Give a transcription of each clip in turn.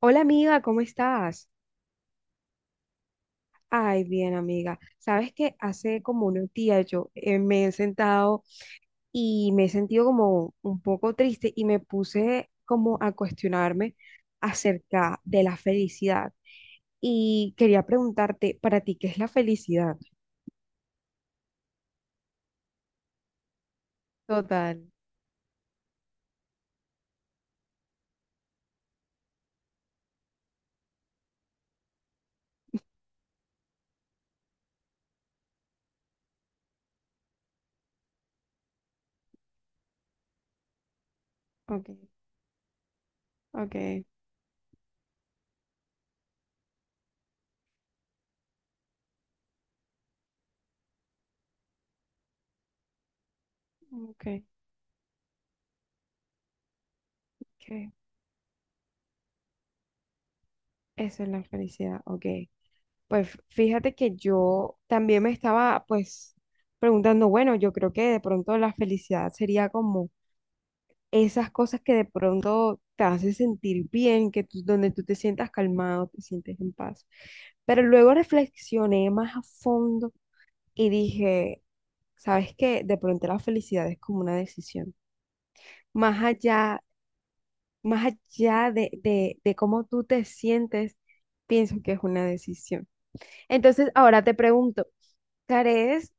Hola amiga, ¿cómo estás? Ay, bien amiga. Sabes que hace como unos días yo me he sentado y me he sentido como un poco triste y me puse como a cuestionarme acerca de la felicidad. Y quería preguntarte, para ti, ¿qué es la felicidad? Total. Ok, ok, ok, ¿qué? Eso es la felicidad, ok. Pues fíjate que yo también me estaba, pues, preguntando, bueno, yo creo que de pronto la felicidad sería como esas cosas que de pronto te hacen sentir bien, que donde tú te sientas calmado, te sientes en paz. Pero luego reflexioné más a fondo y dije, ¿sabes qué? De pronto la felicidad es como una decisión. Más allá, más allá de cómo tú te sientes, pienso que es una decisión. Entonces, ahora te pregunto, ¿crees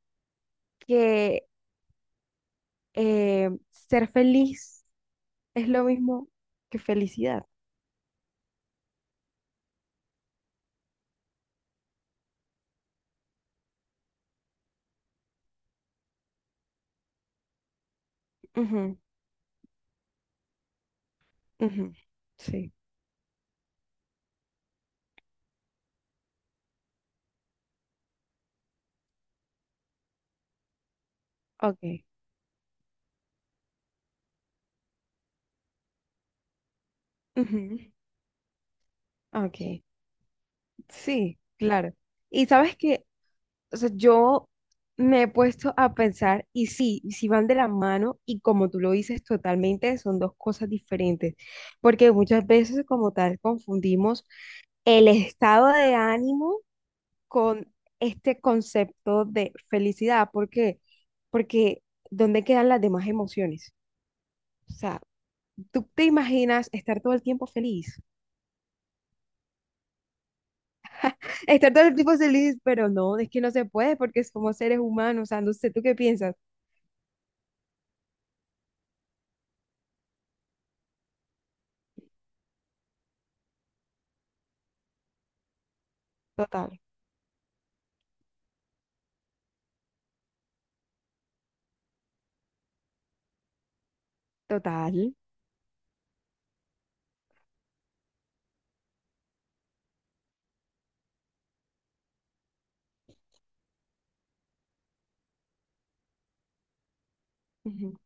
que ser feliz es lo mismo que felicidad? Ujú, ujú, sí, ok. Ujú, ok, sí, claro. Y sabes que, o sea, yo me he puesto a pensar, y sí van de la mano, y como tú lo dices totalmente, son dos cosas diferentes, porque muchas veces como tal confundimos el estado de ánimo con este concepto de felicidad. ¿Por qué? Porque ¿dónde quedan las demás emociones? O sea, tú te imaginas estar todo el tiempo feliz, estar todo el tiempo feliz, pero no, es que no se puede porque somos seres humanos, o sea, no sé, ¿tú qué piensas? Total, total. Ujú,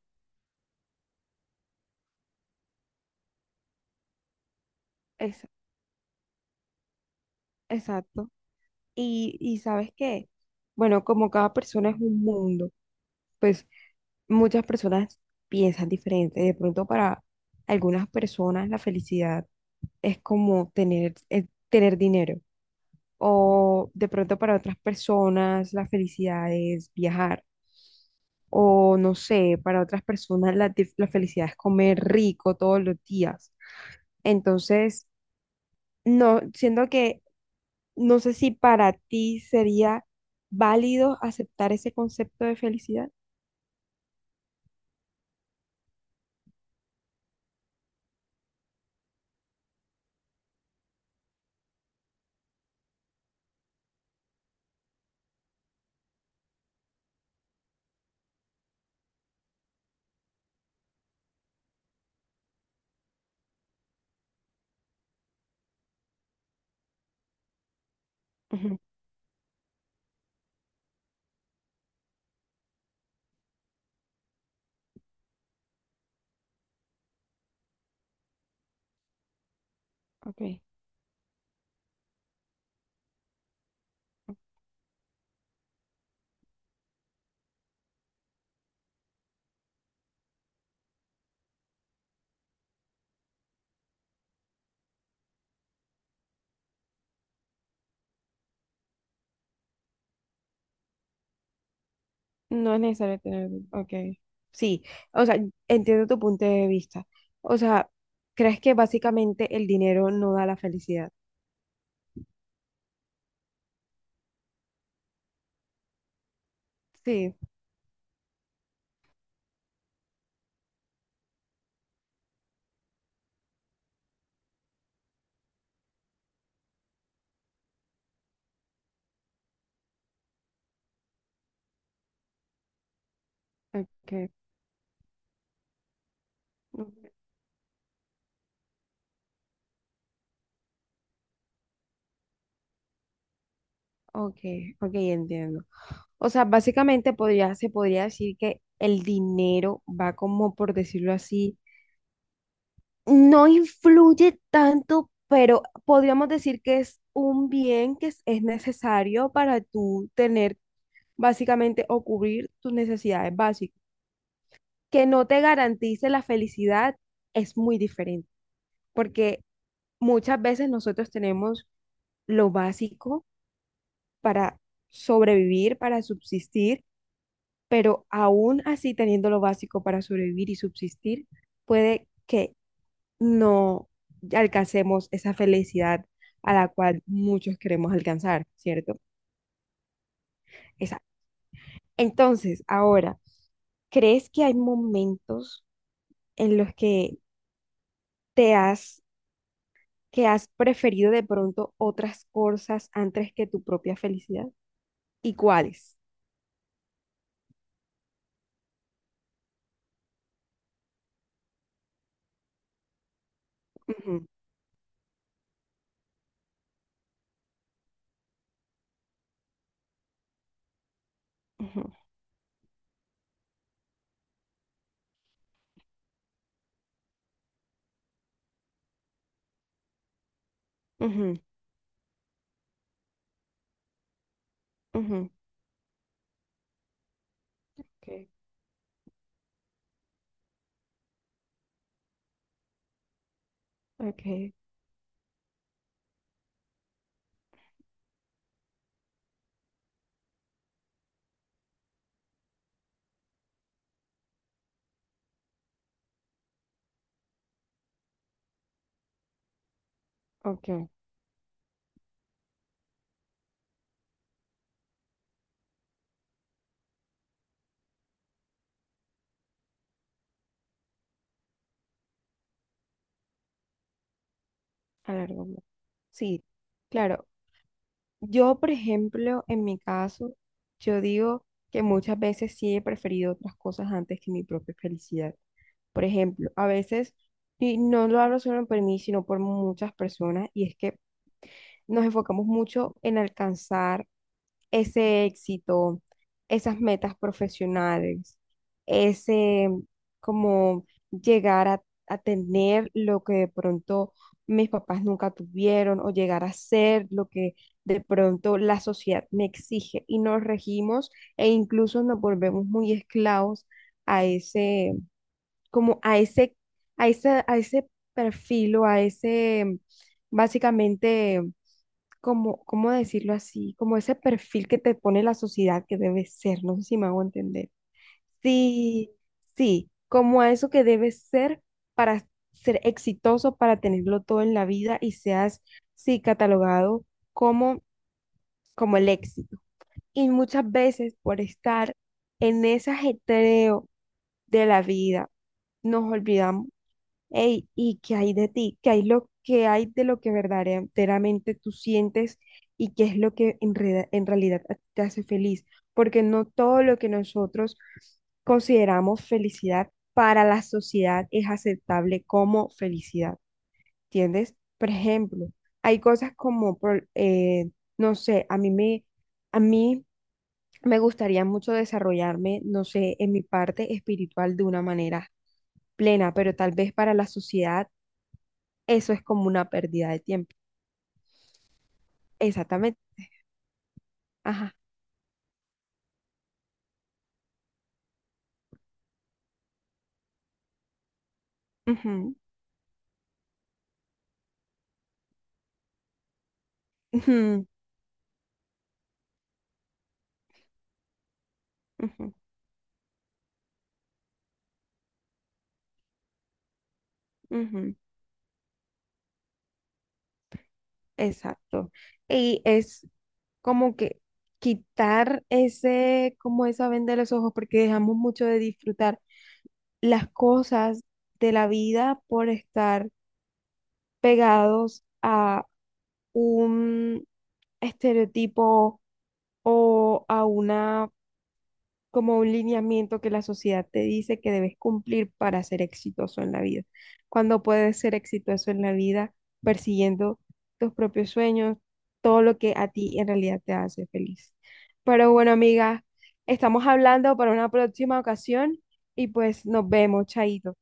ex- exacto. Y ¿sabes qué? Bueno, como cada persona es un mundo, pues muchas personas piensan diferente. De pronto para algunas personas la felicidad es como tener, tener dinero. O de pronto para otras personas la felicidad es viajar. O no sé, para otras personas la felicidad es comer rico todos los días. Entonces, no, siento que no sé si para ti sería válido aceptar ese concepto de felicidad. Ujú, ok, ok. No es necesario tener, ok. Sí, o sea, entiendo tu punto de vista. O sea, ¿crees que básicamente el dinero no da la felicidad? Sí, ok. Ok, ok, entiendo. O sea, básicamente podría, se podría decir que el dinero va como, por decirlo así, no influye tanto, pero podríamos decir que es un bien que es necesario para tú tener básicamente o cubrir tus necesidades básicas. Que no te garantice la felicidad es muy diferente, porque muchas veces nosotros tenemos lo básico para sobrevivir, para subsistir, pero aún así teniendo lo básico para sobrevivir y subsistir, puede que no alcancemos esa felicidad a la cual muchos queremos alcanzar, ¿cierto? Esa. Entonces, ahora, ¿crees que hay momentos en los que te has que has preferido de pronto otras cosas antes que tu propia felicidad? ¿Y cuáles? Ujú, ujú, ujú, ujú. Ok, ok, ok, a largo plazo. Sí, claro. Yo, por ejemplo, en mi caso, yo digo que muchas veces sí he preferido otras cosas antes que mi propia felicidad. Por ejemplo, a veces, y no lo hablo solo por mí, sino por muchas personas, y es que nos enfocamos mucho en alcanzar ese éxito, esas metas profesionales, ese como llegar a tener lo que de pronto mis papás nunca tuvieron o llegar a ser lo que de pronto la sociedad me exige y nos regimos e incluso nos volvemos muy esclavos a ese, como a ese, a ese perfil o a ese, básicamente como, ¿cómo decirlo así? Como ese perfil que te pone la sociedad que debes ser, no sé si me hago entender. Sí, sí, como a eso que debes ser para ser exitoso, para tenerlo todo en la vida y seas, sí, catalogado como, como el éxito. Y muchas veces por estar en ese ajetreo de la vida, nos olvidamos. Ey, ¿y qué hay de ti? ¿Qué hay lo que hay de lo que verdaderamente tú sientes y qué es lo que en realidad a ti te hace feliz? Porque no todo lo que nosotros consideramos felicidad para la sociedad es aceptable como felicidad, ¿entiendes? Por ejemplo, hay cosas como, no sé, a mí me gustaría mucho desarrollarme, no sé, en mi parte espiritual de una manera plena, pero tal vez para la sociedad eso es como una pérdida de tiempo. Exactamente. Ajá. Ujú, ujú, ujú, ujú. Exacto. Y es como que quitar ese, como esa venda de los ojos, porque dejamos mucho de disfrutar las cosas de la vida por estar pegados a un estereotipo o a una, como un lineamiento que la sociedad te dice que debes cumplir para ser exitoso en la vida. Cuando puedes ser exitoso en la vida persiguiendo tus propios sueños, todo lo que a ti en realidad te hace feliz. Pero bueno, amiga, estamos hablando para una próxima ocasión y pues nos vemos, chaito.